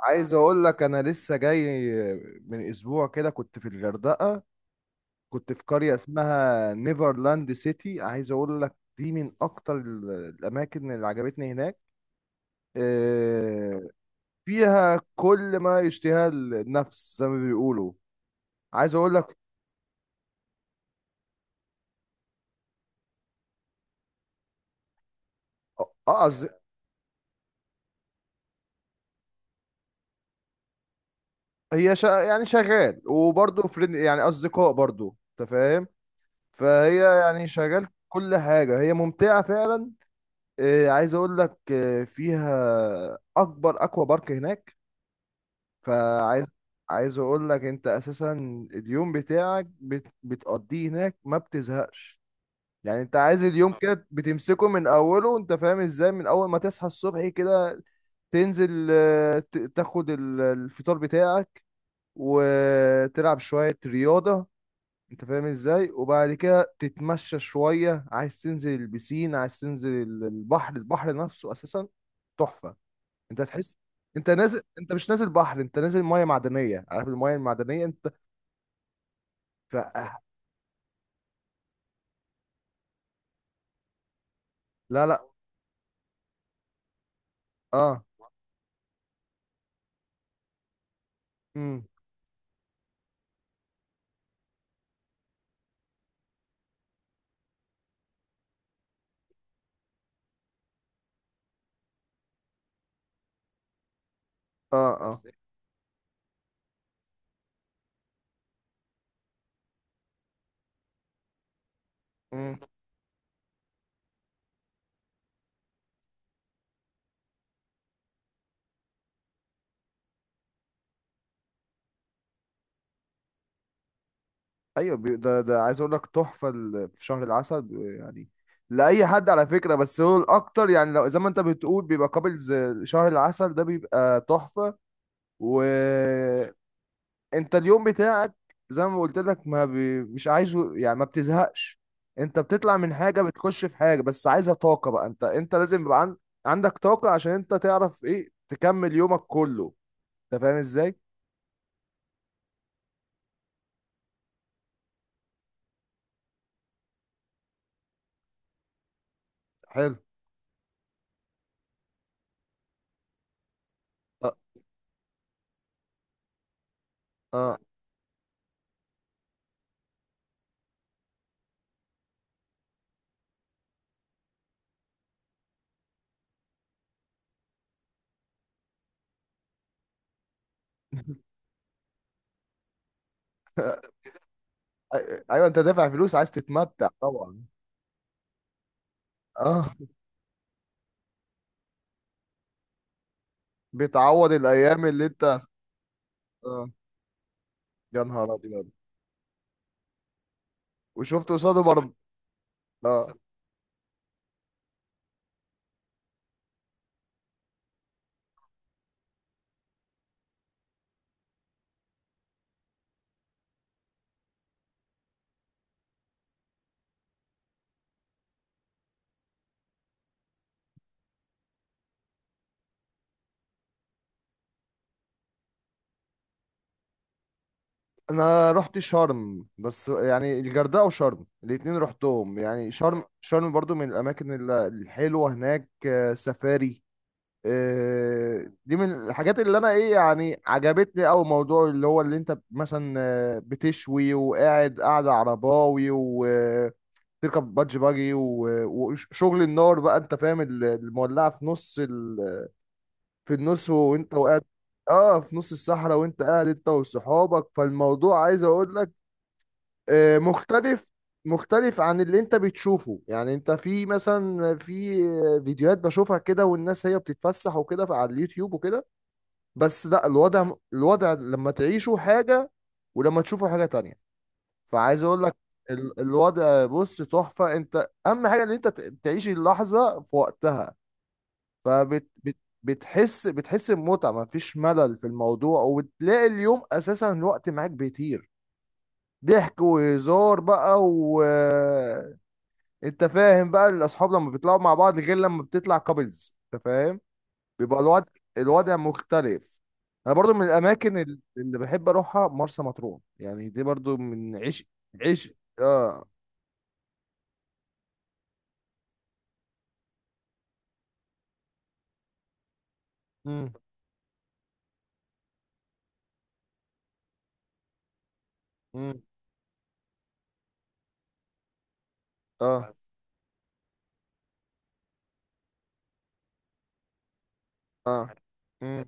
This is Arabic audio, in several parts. عايز اقول لك انا لسه جاي من اسبوع كده، كنت في الغردقه. كنت في قريه اسمها نيفرلاند سيتي. عايز اقول لك دي من اكتر الاماكن اللي عجبتني هناك. آه، فيها كل ما يشتهى النفس زي ما بيقولوا. عايز اقول لك اه آه، قصدي- هي شا يعني شغال، وبرضه فريند، يعني اصدقاء، برضه انت فاهم. فهي يعني شغال، كل حاجه هي ممتعه فعلا. عايز اقول لك فيها اكبر اكوا بارك هناك. فعايز عايز اقول لك انت اساسا اليوم بتاعك بتقضيه هناك ما بتزهقش. يعني انت عايز اليوم كده بتمسكه من اوله، انت فاهم ازاي، من اول ما تصحى الصبح كده تنزل، تاخد الفطار بتاعك، وتلعب شوية رياضة. انت فاهم ازاي، وبعد كده تتمشى شوية، عايز تنزل البسين، عايز تنزل البحر. البحر نفسه اساسا تحفة. انت هتحس انت نازل، انت مش نازل بحر، انت نازل مية معدنية. عارف المية المعدنية، انت ف... آه. لا لا. اه. امم. اه. اه. امم. ايوه. ده عايز اقول لك تحفة. في شهر العسل، يعني لأي حد على فكرة، بس هو الأكتر يعني لو زي ما أنت بتقول بيبقى كابلز. شهر العسل ده بيبقى تحفة. و انت اليوم بتاعك زي ما قلت لك، ما بي... مش عايزه، يعني ما بتزهقش. انت بتطلع من حاجة بتخش في حاجة، بس عايزة طاقة بقى. انت لازم يبقى عندك طاقة عشان انت تعرف ايه تكمل يومك كله. انت فاهم ازاي. حلو. اه. آه. ايوه، انت دافع فلوس عايز تتمتع طبعا. اه، بتعوض الايام اللي انت. اه. يا نهار ابيض. وشفت قصاده برضه. اه. انا رحت شرم، بس يعني الغردقه وشرم الاتنين رحتهم. يعني شرم برضو من الاماكن الحلوه هناك. سفاري، دي من الحاجات اللي انا ايه، يعني عجبتني. او موضوع اللي هو اللي انت مثلا بتشوي، وقاعد، قاعده عرباوي، وتركب بادج باجي، وشغل النار بقى، انت فاهم المولعه في نص في النص، وانت وقاعد. اه، في نص الصحراء وانت قاعد انت وصحابك. فالموضوع عايز اقول لك مختلف، مختلف عن اللي انت بتشوفه. يعني انت في مثلا فيديوهات بشوفها كده، والناس هي بتتفسح وكده على اليوتيوب وكده. بس لا، الوضع لما تعيشه حاجة، ولما تشوفه حاجة تانية. فعايز اقول لك الوضع بص تحفة. انت اهم حاجة ان انت تعيش اللحظة في وقتها. فبت بت بتحس بمتعة، مفيش ملل في الموضوع. وبتلاقي اليوم اساسا الوقت معاك بيطير، ضحك وهزار بقى انت فاهم بقى الاصحاب لما بيطلعوا مع بعض غير لما بتطلع كابلز، انت فاهم. بيبقى الوضع مختلف. انا برضو من الاماكن اللي بحب اروحها مرسى مطروح، يعني دي برضو من عشق، عشق. اه. امم. امم. اه. اه. امم.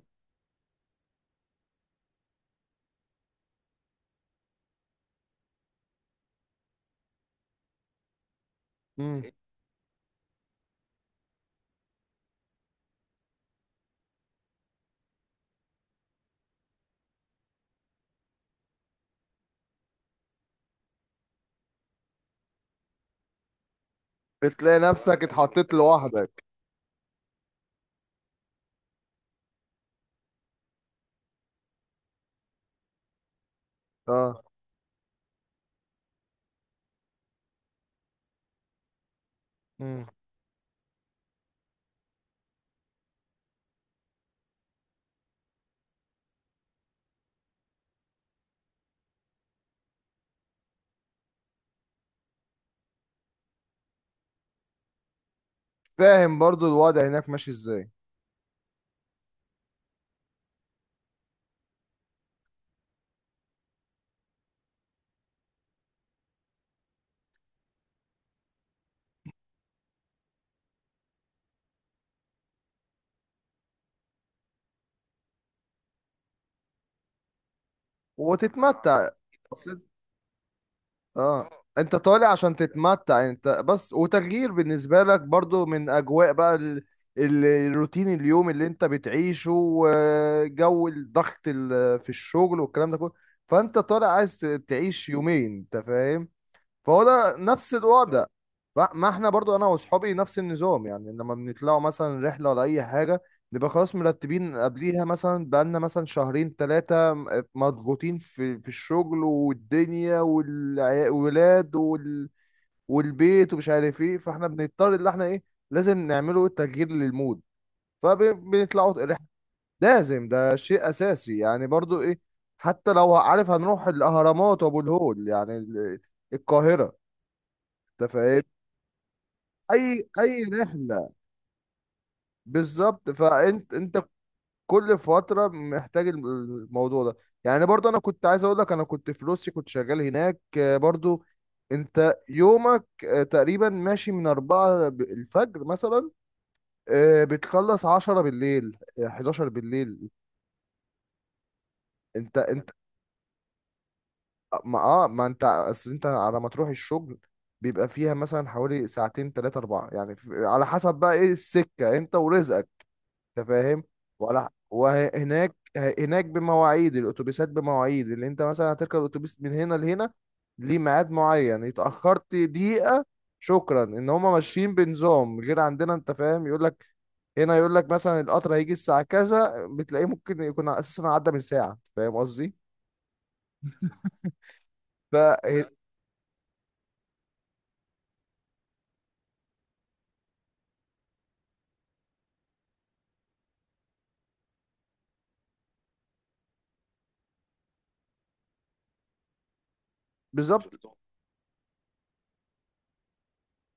امم. بتلاقي نفسك اتحطيت لوحدك. اه. امم. فاهم برضو الوضع هناك ماشي ازاي. وتتمتع. اه، انت طالع عشان تتمتع انت بس، وتغيير بالنسبة لك برضو من اجواء بقى الروتين اليوم اللي انت بتعيشه، وجو الضغط في الشغل والكلام ده كله. فانت طالع عايز تعيش يومين، انت فاهم. فهو ده نفس الوضع. ما احنا برضو انا واصحابي نفس النظام. يعني لما بنطلعوا مثلا رحله ولا اي حاجه، نبقى خلاص مرتبين قبليها مثلا بقالنا مثلا شهرين ثلاثه. مضغوطين في الشغل والدنيا والولاد والبيت، ومش عارف ايه. فاحنا بنضطر اللي احنا ايه، لازم نعمله تغيير للمود. فبنطلعوا رحله، لازم. ده شيء اساسي، يعني برضو ايه. حتى لو عارف هنروح الاهرامات وابو الهول، يعني القاهره، انت فاهم. اي اي رحله. بالظبط. فانت كل فتره محتاج الموضوع ده. يعني برضو انا كنت عايز اقول لك، انا كنت في روسيا كنت شغال هناك. برضو انت يومك تقريبا ماشي من 4 الفجر مثلا، بتخلص 10 بالليل، 11 بالليل. انت ما اه ما انت اصل انت على ما تروح الشغل بيبقى فيها مثلا حوالي ساعتين تلاتة أربعة، يعني على حسب بقى ايه السكة انت ورزقك. انت فاهم. ولا وهناك، هناك بمواعيد الاتوبيسات، بمواعيد اللي انت مثلا هتركب اتوبيس من هنا لهنا، ليه ميعاد معين. اتاخرت دقيقه، شكرا. ان هما ماشيين بنظام غير عندنا، انت فاهم. يقول لك هنا، يقول لك مثلا القطر هيجي الساعه كذا، بتلاقيه ممكن يكون اساسا عدى من ساعه. أنت فاهم قصدي. ف. بالظبط.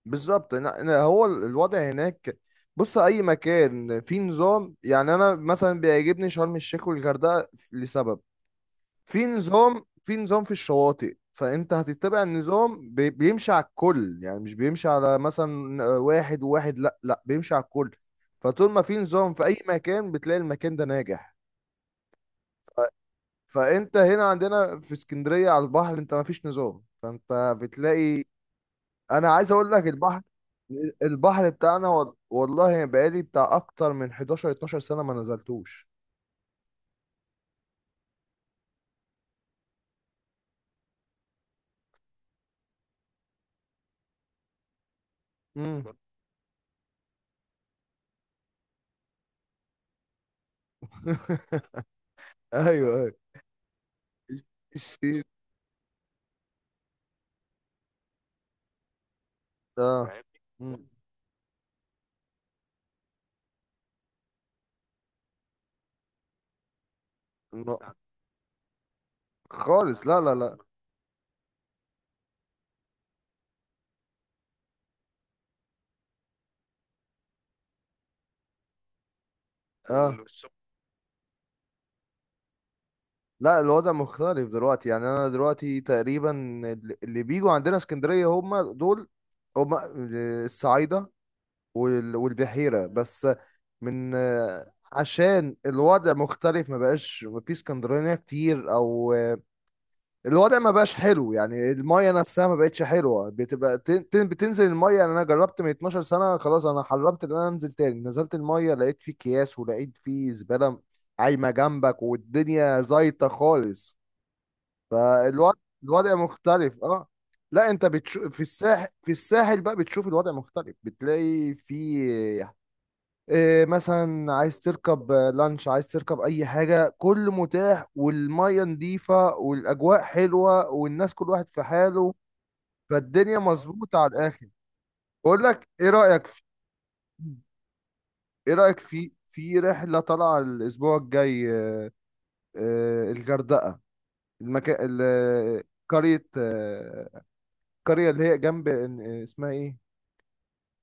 بالظبط إن هو الوضع هناك. بص، اي مكان فيه نظام. يعني انا مثلا بيعجبني شرم الشيخ والغردقه لسبب، في نظام في الشواطئ. فانت هتتبع النظام، بيمشي على الكل، يعني مش بيمشي على مثلا واحد وواحد، لا لا، بيمشي على الكل. فطول ما في نظام في اي مكان، بتلاقي المكان ده ناجح. فانت هنا عندنا في اسكندرية على البحر، انت ما فيش نظام، فانت بتلاقي. انا عايز اقول لك البحر بتاعنا والله بقالي بتاع اكتر من 11 12 سنة ما نزلتوش. امم. ايوه، ايوه الشيء. اه. مم. خالص، لا لا لا. اه، لا الوضع مختلف دلوقتي. يعني انا دلوقتي تقريبا، اللي بيجوا عندنا اسكندرية هم دول، هم الصعايدة والبحيرة بس. من عشان الوضع مختلف، ما بقاش ما في اسكندرانية كتير، او الوضع ما بقاش حلو. يعني المايه نفسها ما بقتش حلوه، بتبقى بتنزل المايه. يعني انا جربت من 12 سنه، خلاص انا حرمت ان انا انزل تاني. نزلت المايه لقيت فيه اكياس، ولقيت فيه زباله عايمه جنبك، والدنيا زايطه خالص. فالوضع، الوضع مختلف. اه، لا انت بتشوف في الساحل بقى بتشوف الوضع مختلف، بتلاقي فيه إيه، مثلا عايز تركب لانش، عايز تركب اي حاجه، كله متاح، والميه نظيفه، والاجواء حلوه، والناس كل واحد في حاله. فالدنيا مظبوطه على الاخر. بقول لك ايه رايك في، ايه رايك في في رحله طالعه الاسبوع الجاي. الغردقه، المكان قريه، قريه اللي هي جنب، اسمها ايه،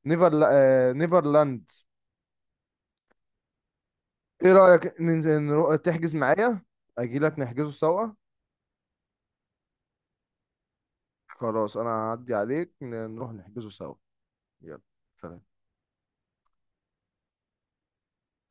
نيفر، نيفرلاند. ايه رايك ننزل، تحجز معايا، اجي لك نحجزه سوا. خلاص انا هعدي عليك، نروح نحجزه سوا. يلا. سلام.